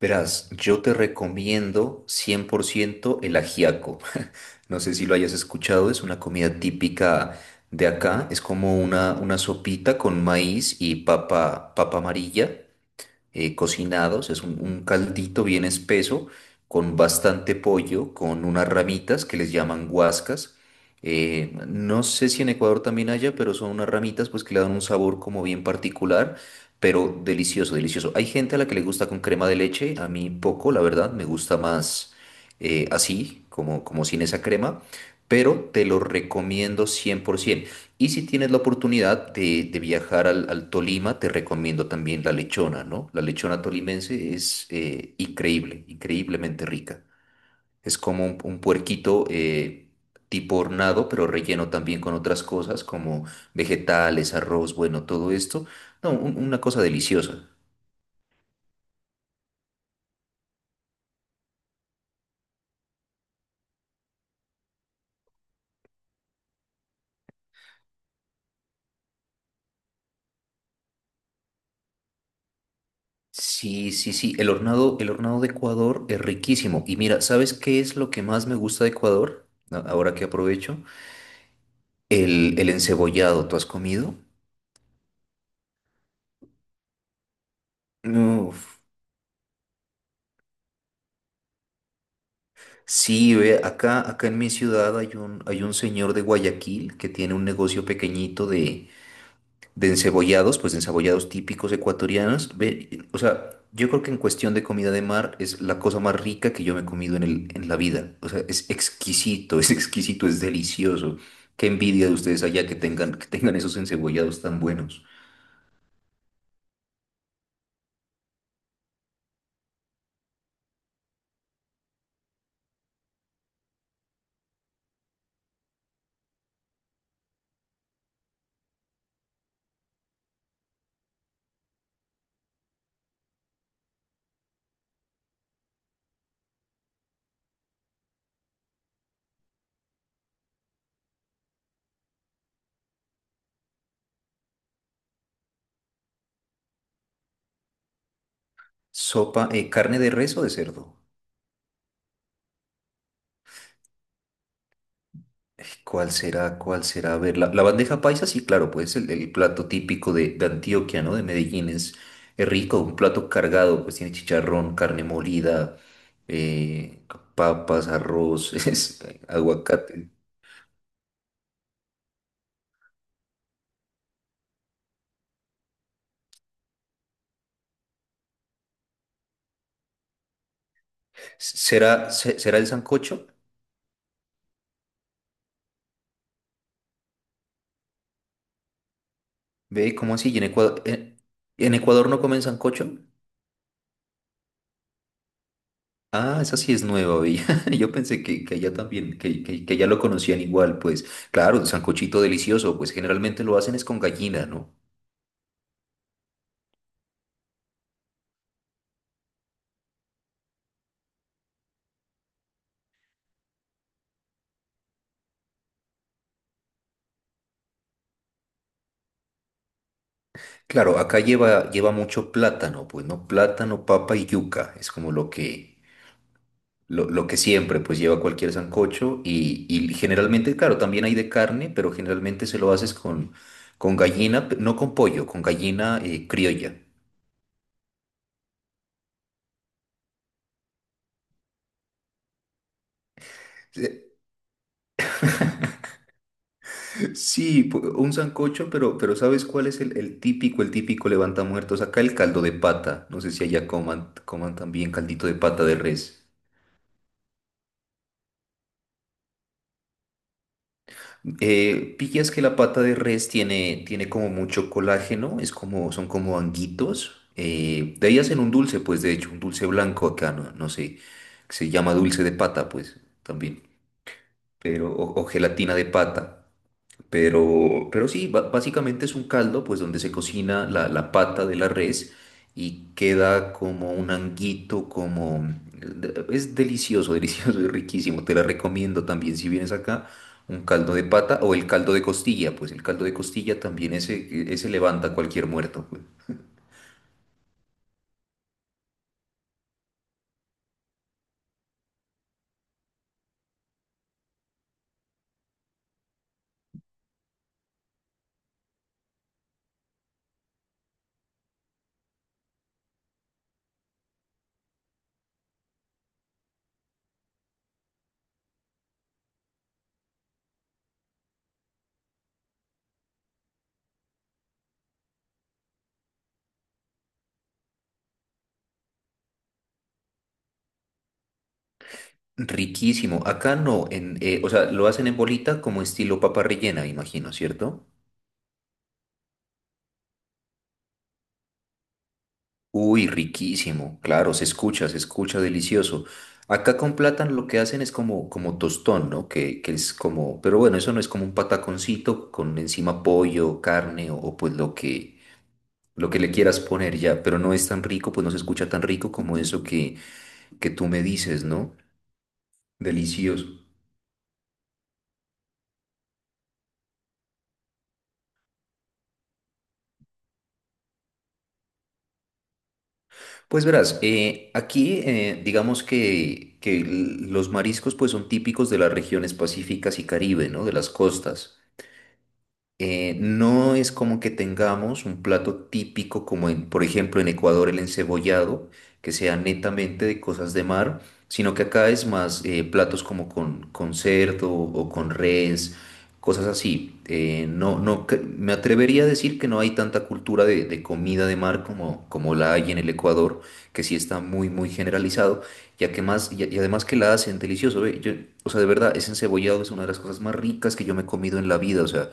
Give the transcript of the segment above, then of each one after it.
Verás, yo te recomiendo 100% el ajiaco. No sé si lo hayas escuchado, es una comida típica de acá. Es como una sopita con maíz y papa, papa amarilla cocinados. Es un caldito bien espeso con bastante pollo, con unas ramitas que les llaman guascas. No sé si en Ecuador también haya, pero son unas ramitas pues que le dan un sabor como bien particular, pero delicioso, delicioso. Hay gente a la que le gusta con crema de leche, a mí poco, la verdad, me gusta más así, como, como sin esa crema, pero te lo recomiendo 100%. Y si tienes la oportunidad de viajar al Tolima, te recomiendo también la lechona, ¿no? La lechona tolimense es increíble, increíblemente rica. Es como un puerquito tipo hornado, pero relleno también con otras cosas como vegetales, arroz, bueno, todo esto. No, una cosa deliciosa. Sí, sí, sí, el hornado de Ecuador es riquísimo. Y mira, ¿sabes qué es lo que más me gusta de Ecuador? Ahora que aprovecho, el encebollado, ¿tú has comido? Uf. Sí, ve, acá, acá en mi ciudad hay un señor de Guayaquil que tiene un negocio pequeñito de encebollados, pues de encebollados típicos ecuatorianos. Ve, o sea, yo creo que en cuestión de comida de mar es la cosa más rica que yo me he comido en en la vida. O sea, es exquisito, es exquisito, es delicioso. Qué envidia de ustedes allá que tengan esos encebollados tan buenos. Sopa, carne de res o de cerdo. ¿Cuál será? ¿Cuál será? A ver, la bandeja paisa, sí, claro, pues el plato típico de Antioquia, ¿no? De Medellín es rico, un plato cargado, pues tiene chicharrón, carne molida, eh, papas, arroz, aguacate. ¿Será, será el sancocho? Ve, ¿cómo así? ¿Y en Ecuador, en Ecuador no comen sancocho? Ah, esa sí es nueva, vi. Yo pensé que allá también, que allá lo conocían igual, pues. Claro, un sancochito delicioso, pues generalmente lo hacen es con gallina, ¿no? Claro, acá lleva, lleva mucho plátano, pues, ¿no? Plátano, papa y yuca. Es como lo que, lo que siempre, pues, lleva cualquier sancocho. Y generalmente, claro, también hay de carne, pero generalmente se lo haces con gallina, no con pollo, con gallina criolla. Sí, un sancocho, pero ¿sabes cuál es el típico levanta muertos? Acá el caldo de pata. No sé si allá coman, coman también caldito de pata de res. Pillas que la pata de res tiene, tiene como mucho colágeno, es como, son como anguitos. De ahí hacen un dulce, pues de hecho, un dulce blanco acá, no, no sé, que se llama dulce de pata, pues también, pero, o gelatina de pata. Pero sí, básicamente es un caldo, pues donde se cocina la, la pata de la res y queda como un anguito, como... Es delicioso, delicioso y riquísimo. Te la recomiendo también si vienes acá, un caldo de pata o el caldo de costilla, pues el caldo de costilla también ese levanta cualquier muerto, pues. Riquísimo. Acá no, en, o sea, lo hacen en bolita como estilo papa rellena, imagino, ¿cierto? Uy, riquísimo, claro, se escucha delicioso. Acá con plátano lo que hacen es como, como tostón, ¿no? Que es como, pero bueno, eso no es como un pataconcito con encima pollo, carne o pues lo que le quieras poner ya, pero no es tan rico, pues no se escucha tan rico como eso que tú me dices, ¿no? Delicioso. Pues verás, aquí digamos que, los mariscos pues son típicos de las regiones pacíficas y Caribe, ¿no? De las costas. No es como que tengamos un plato típico como en, por ejemplo, en Ecuador el encebollado, que sea netamente de cosas de mar, sino que acá es más platos como con cerdo o con res, cosas así. No, no, me atrevería a decir que no hay tanta cultura de comida de mar como, como la hay en el Ecuador, que sí está muy, muy generalizado, ya que más, y además que la hacen delicioso, ve, o sea, de verdad, ese encebollado es una de las cosas más ricas que yo me he comido en la vida, o sea.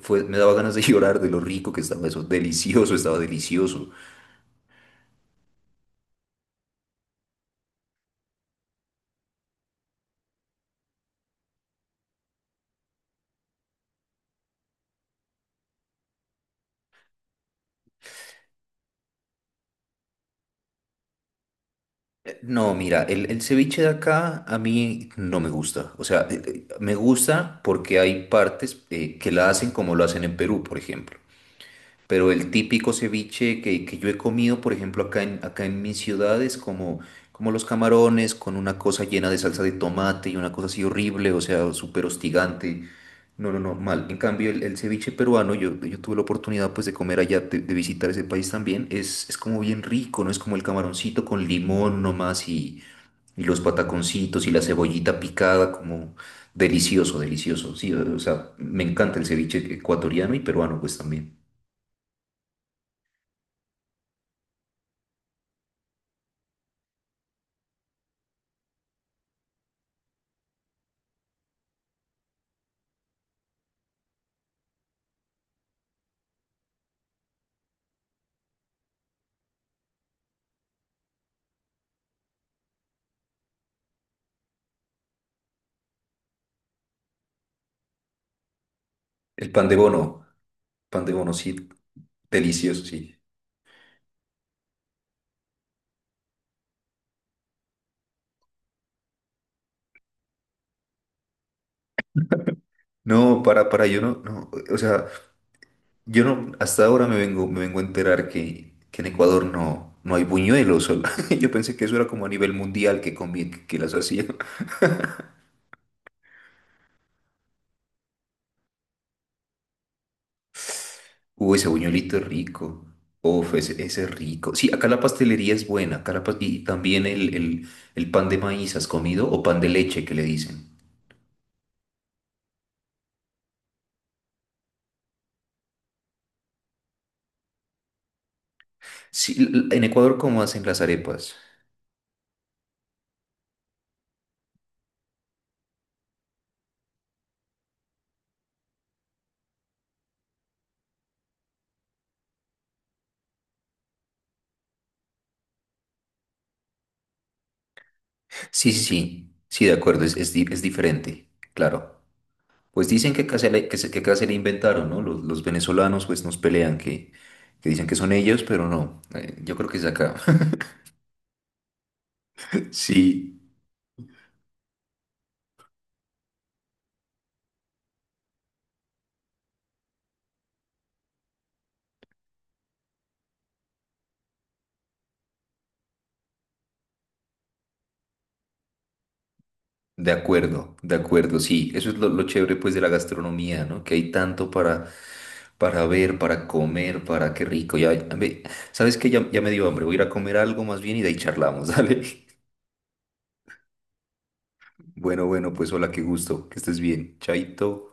Fue, me daba ganas de llorar de lo rico que estaba eso. Delicioso, estaba delicioso. No, mira, el ceviche de acá a mí no me gusta. O sea, me gusta porque hay partes que la hacen como lo hacen en Perú, por ejemplo. Pero el típico ceviche que yo he comido, por ejemplo, acá en, acá en mi ciudad es como, como los camarones con una cosa llena de salsa de tomate y una cosa así horrible, o sea, súper hostigante. No, no, no, mal. En cambio, el ceviche peruano, yo tuve la oportunidad pues de comer allá, de visitar ese país también, es como bien rico, ¿no? Es como el camaroncito con limón nomás y los pataconcitos y la cebollita picada, como delicioso, delicioso. Sí, o sea, me encanta el ceviche ecuatoriano y peruano pues también. El pan de bono, sí, delicioso, sí. No, para, yo no, no, o sea... Yo no, hasta ahora me vengo a enterar que en Ecuador no, no hay buñuelos. Yo pensé que eso era como a nivel mundial que comí, que las hacían. Uy, ese buñuelito es rico. Uf, ese es rico. Sí, acá la pastelería es buena. Acá y también el pan de maíz, ¿has comido? O pan de leche que le dicen. Sí, en Ecuador, ¿cómo hacen las arepas? Sí, sí, sí. Sí, de acuerdo, es, es diferente. Claro. Pues dicen que casi le, que se, que casi le inventaron, ¿no? Los venezolanos pues nos pelean, que dicen que son ellos, pero no, yo creo que es de acá. Sí, de acuerdo, sí. Eso es lo chévere pues de la gastronomía, ¿no? Que hay tanto para ver, para comer, para qué rico. Ya, ¿sabes qué? Ya, ya me dio hambre, voy a ir a comer algo más bien y de ahí charlamos, dale. Bueno, bueno, pues hola, qué gusto, que estés bien. Chaito.